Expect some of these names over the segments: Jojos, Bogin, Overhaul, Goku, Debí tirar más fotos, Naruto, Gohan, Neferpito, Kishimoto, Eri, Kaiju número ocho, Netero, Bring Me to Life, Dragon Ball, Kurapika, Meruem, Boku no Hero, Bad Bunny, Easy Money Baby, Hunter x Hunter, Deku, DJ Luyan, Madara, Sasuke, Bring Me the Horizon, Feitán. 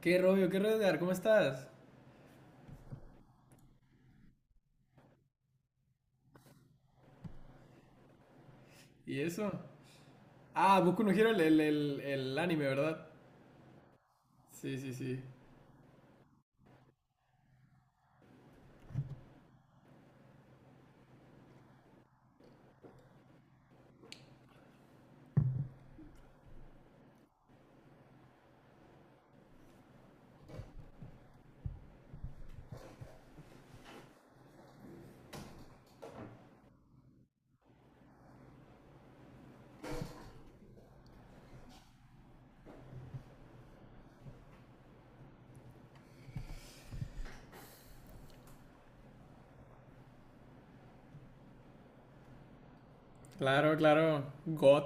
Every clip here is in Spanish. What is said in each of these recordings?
¿Qué rollo? ¿Qué rollo, Edgar? ¿Cómo estás? ¿Y eso? Ah, Boku no Hero, el anime, ¿verdad? Sí, sí, sí. Claro, claro. God.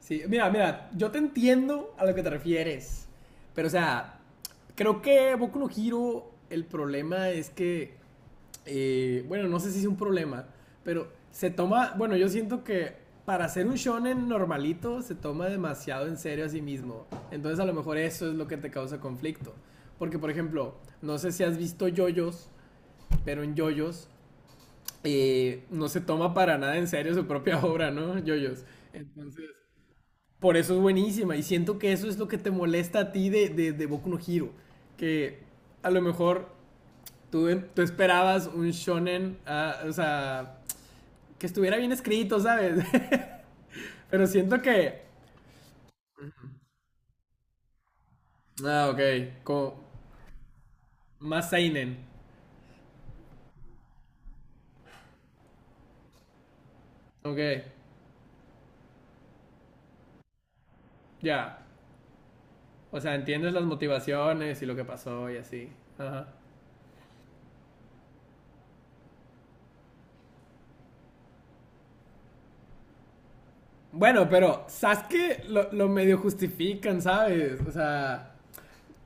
Sí, mira, mira, yo te entiendo a lo que te refieres. Pero, o sea, creo que Boku no Hero, el problema es que, bueno, no sé si es un problema, pero se toma, bueno, yo siento que para ser un shonen normalito se toma demasiado en serio a sí mismo. Entonces, a lo mejor eso es lo que te causa conflicto. Porque, por ejemplo, no sé si has visto Jojos, pero en Jojos no se toma para nada en serio su propia obra, ¿no? Jojos. Entonces, por eso es buenísima. Y siento que eso es lo que te molesta a ti de, de Boku no Hero. Que a lo mejor tú, tú esperabas un shonen, ah, o sea, que estuviera bien escrito, ¿sabes? Pero siento que... Ah, ok. Como más seinen. Ok, ya. Yeah. O sea, entiendes las motivaciones y lo que pasó y así. Ajá. Bueno, pero Sasuke lo medio justifican, ¿sabes? O sea,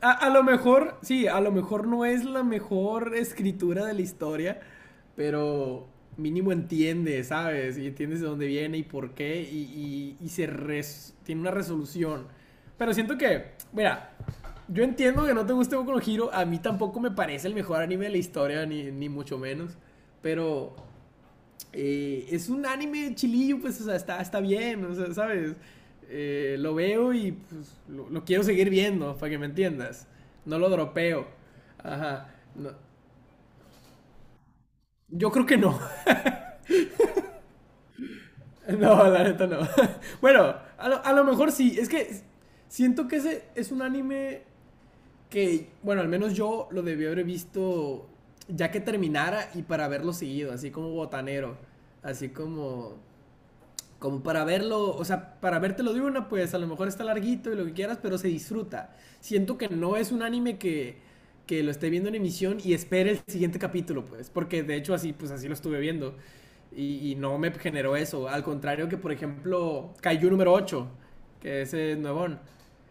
A lo mejor, sí, a lo mejor no es la mejor escritura de la historia, pero mínimo entiende, ¿sabes? Y entiendes de dónde viene y por qué, y se res- tiene una resolución. Pero siento que, mira, yo entiendo que no te guste Boku no Hero, a mí tampoco me parece el mejor anime de la historia, ni, ni mucho menos, pero es un anime chilillo, pues, o sea, está, está bien, o sea, ¿sabes? Lo veo y pues, lo, quiero seguir viendo, para que me entiendas. No lo dropeo. Ajá. No. Yo creo que no. No, la neta no. Bueno, a lo mejor sí. Es que siento que ese es un anime que, bueno, al menos yo lo debí haber visto ya que terminara y para haberlo seguido, así como botanero. Así como como para verlo, o sea, para vértelo de una, pues a lo mejor está larguito y lo que quieras, pero se disfruta. Siento que no es un anime que lo esté viendo en emisión y espere el siguiente capítulo, pues, porque de hecho así, pues así lo estuve viendo y no me generó eso. Al contrario que, por ejemplo, Kaiju número ocho, que ese es nuevón.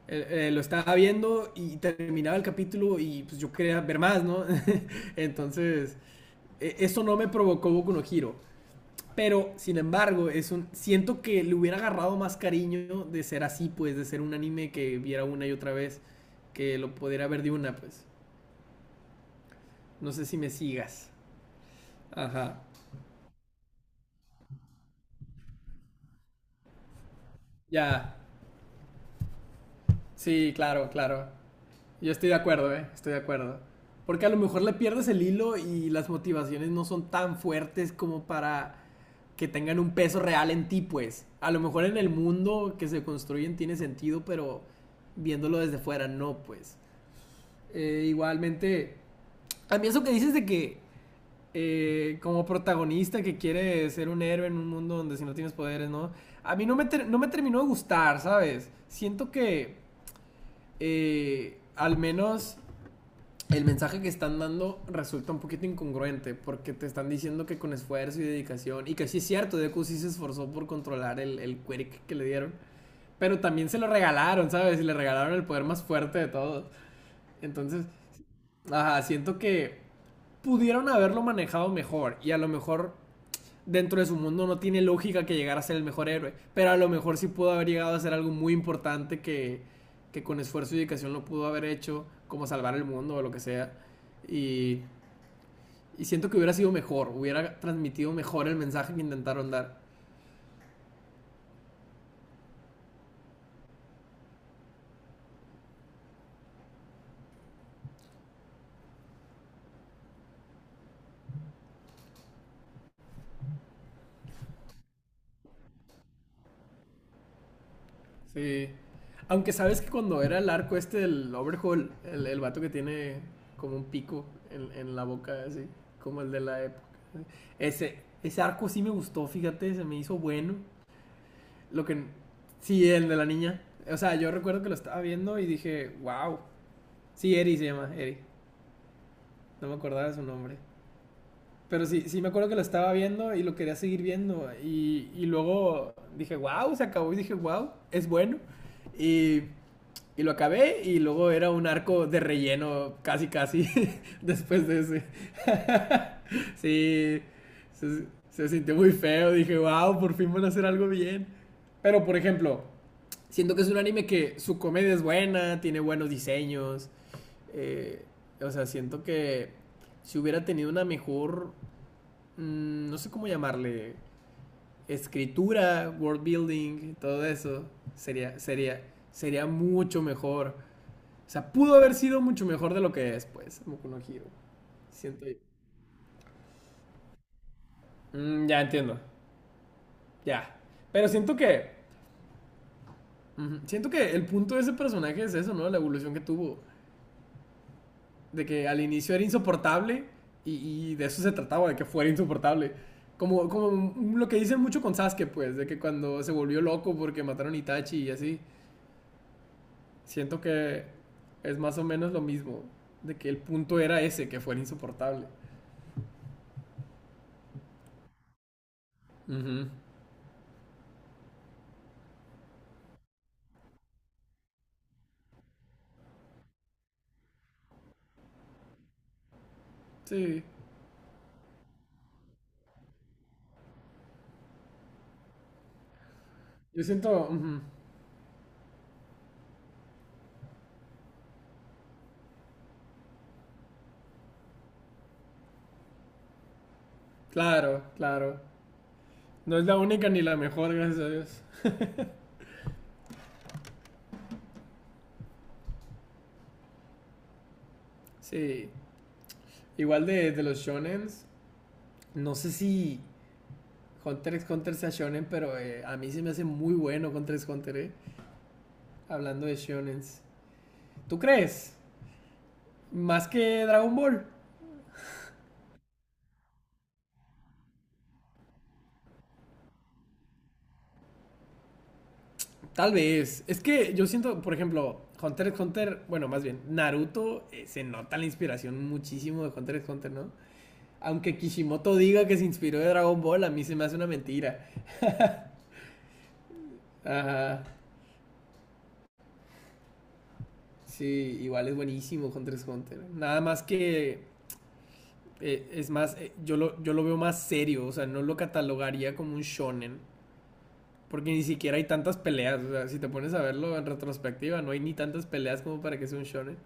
Lo estaba viendo y terminaba el capítulo y pues yo quería ver más, ¿no? Entonces, e- eso no me provocó Boku no Hero. Pero, sin embargo, es un. Siento que le hubiera agarrado más cariño de ser así, pues, de ser un anime que viera una y otra vez, que lo pudiera ver de una, pues. No sé si me sigas. Ajá. Ya. Sí, claro, claro. Yo estoy de acuerdo, eh. Estoy de acuerdo. Porque a lo mejor le pierdes el hilo y las motivaciones no son tan fuertes como para que tengan un peso real en ti, pues. A lo mejor en el mundo que se construyen tiene sentido, pero viéndolo desde fuera no, pues. Igualmente, a mí eso que dices de que como protagonista que quiere ser un héroe en un mundo donde si no tienes poderes, ¿no? A mí no me, ter- no me terminó de gustar, ¿sabes? Siento que al menos el mensaje que están dando resulta un poquito incongruente porque te están diciendo que con esfuerzo y dedicación, y que sí es cierto, Deku sí se esforzó por controlar el quirk que le dieron, pero también se lo regalaron, ¿sabes? Y le regalaron el poder más fuerte de todos. Entonces, ajá, siento que pudieron haberlo manejado mejor y a lo mejor dentro de su mundo no tiene lógica que llegara a ser el mejor héroe, pero a lo mejor sí pudo haber llegado a ser algo muy importante que con esfuerzo y dedicación lo pudo haber hecho, como salvar el mundo o lo que sea. Y, y siento que hubiera sido mejor, hubiera transmitido mejor el mensaje que intentaron dar. Sí. Aunque sabes que cuando era el arco este del Overhaul, el vato que tiene como un pico en la boca, así, como el de la ep- Ese, ese arco sí me gustó, fíjate, se me hizo bueno. Lo que. Sí, el de la niña. O sea, yo recuerdo que lo estaba viendo y dije, wow. Sí, Eri se llama, Eri. No me acordaba de su nombre. Pero sí, sí me acuerdo que lo estaba viendo y lo quería seguir viendo. Y luego dije, wow, se acabó. Y dije, wow, es bueno. Y, y lo acabé y luego era un arco de relleno, casi, casi, después de ese. Sí, se sintió muy feo. Dije, wow, por fin van a hacer algo bien. Pero, por ejemplo, siento que es un anime que su comedia es buena, tiene buenos diseños. eh, o sea, siento que si hubiera tenido una mejor, no sé cómo llamarle, escritura, world building, todo eso, sería, sería, sería mucho mejor. O sea, pudo haber sido mucho mejor de lo que es, pues, Boku no Hero. Siento yo. Mm, ya entiendo, ya. Pero siento que, ujú, siento que el punto de ese personaje es eso, ¿no? La evolución que tuvo. De que al inicio era insoportable y de eso se trataba, de que fuera insoportable. Como, como lo que dicen mucho con Sasuke, pues, de que cuando se volvió loco porque mataron a Itachi y así, siento que es más o menos lo mismo, de que el punto era ese, que fuera insoportable. Ujú. Sí, yo siento, ujú, claro, claro. No es la única ni la mejor, gracias a Dios. Sí, igual de los shonens, no sé si Hunter x Hunter sea shonen, pero a mí se me hace muy bueno Hunter x Hunter, hablando de shonens. ¿Tú crees? Más que Dragon Ball. Tal vez. Es que yo siento, por ejemplo, Hunter x Hunter, bueno, más bien, Naruto, se nota la inspiración muchísimo de Hunter x Hunter, ¿no? Aunque Kishimoto diga que se inspiró de Dragon Ball, a mí se me hace una mentira. Ajá. Sí, igual es buenísimo Hunter x Hunter. Nada más que, es más, yo lo veo más serio, o sea, no lo catalogaría como un shonen. Porque ni siquiera hay tantas peleas. O sea, si te pones a verlo en retrospectiva, no hay ni tantas peleas como para que sea un shonen.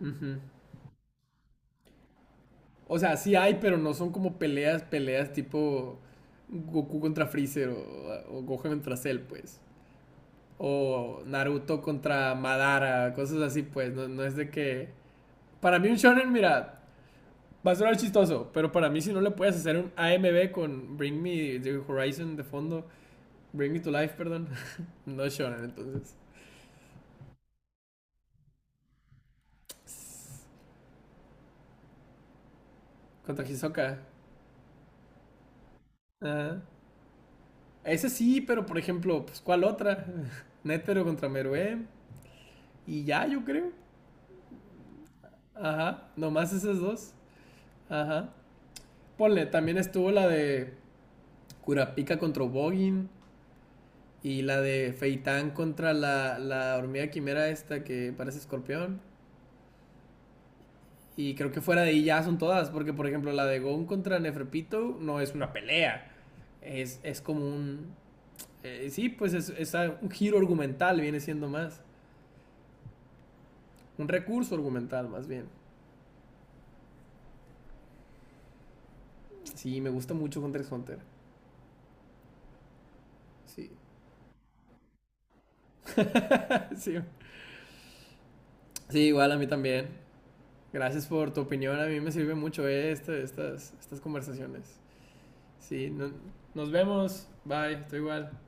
Ujú. O sea, sí hay, pero no son como peleas, peleas tipo Goku contra Freezer o Gohan contra Cell, pues. O Naruto contra Madara, cosas así, pues. No, no es de que. Para mí, un shonen, mira, va a sonar chistoso, pero para mí, si no le puedes hacer un AMB con Bring Me the Horizon de fondo, Bring Me to Life, perdón, no es shonen, entonces. Contra Hisoka. Ah, ese sí, pero por ejemplo, pues ¿cuál otra? Netero contra Meruem. Y ya, yo creo. Ajá, nomás esas dos. Ajá. Ponle, también estuvo la de Kurapika contra Bogin. Y la de Feitán contra la, la hormiga quimera esta que parece escorpión. Y creo que fuera de ahí ya son todas. Porque, por ejemplo, la de Gon contra Neferpito no es una pelea. Es como un. Sí, pues es un giro argumental, viene siendo más. Un recurso argumental, más bien. Sí, me gusta mucho Hunter x Hunter. Sí. Sí. Sí, igual a mí también. Gracias por tu opinión. A mí me sirve mucho estas, estas conversaciones. Sí, no- nos vemos. Bye. Estoy igual.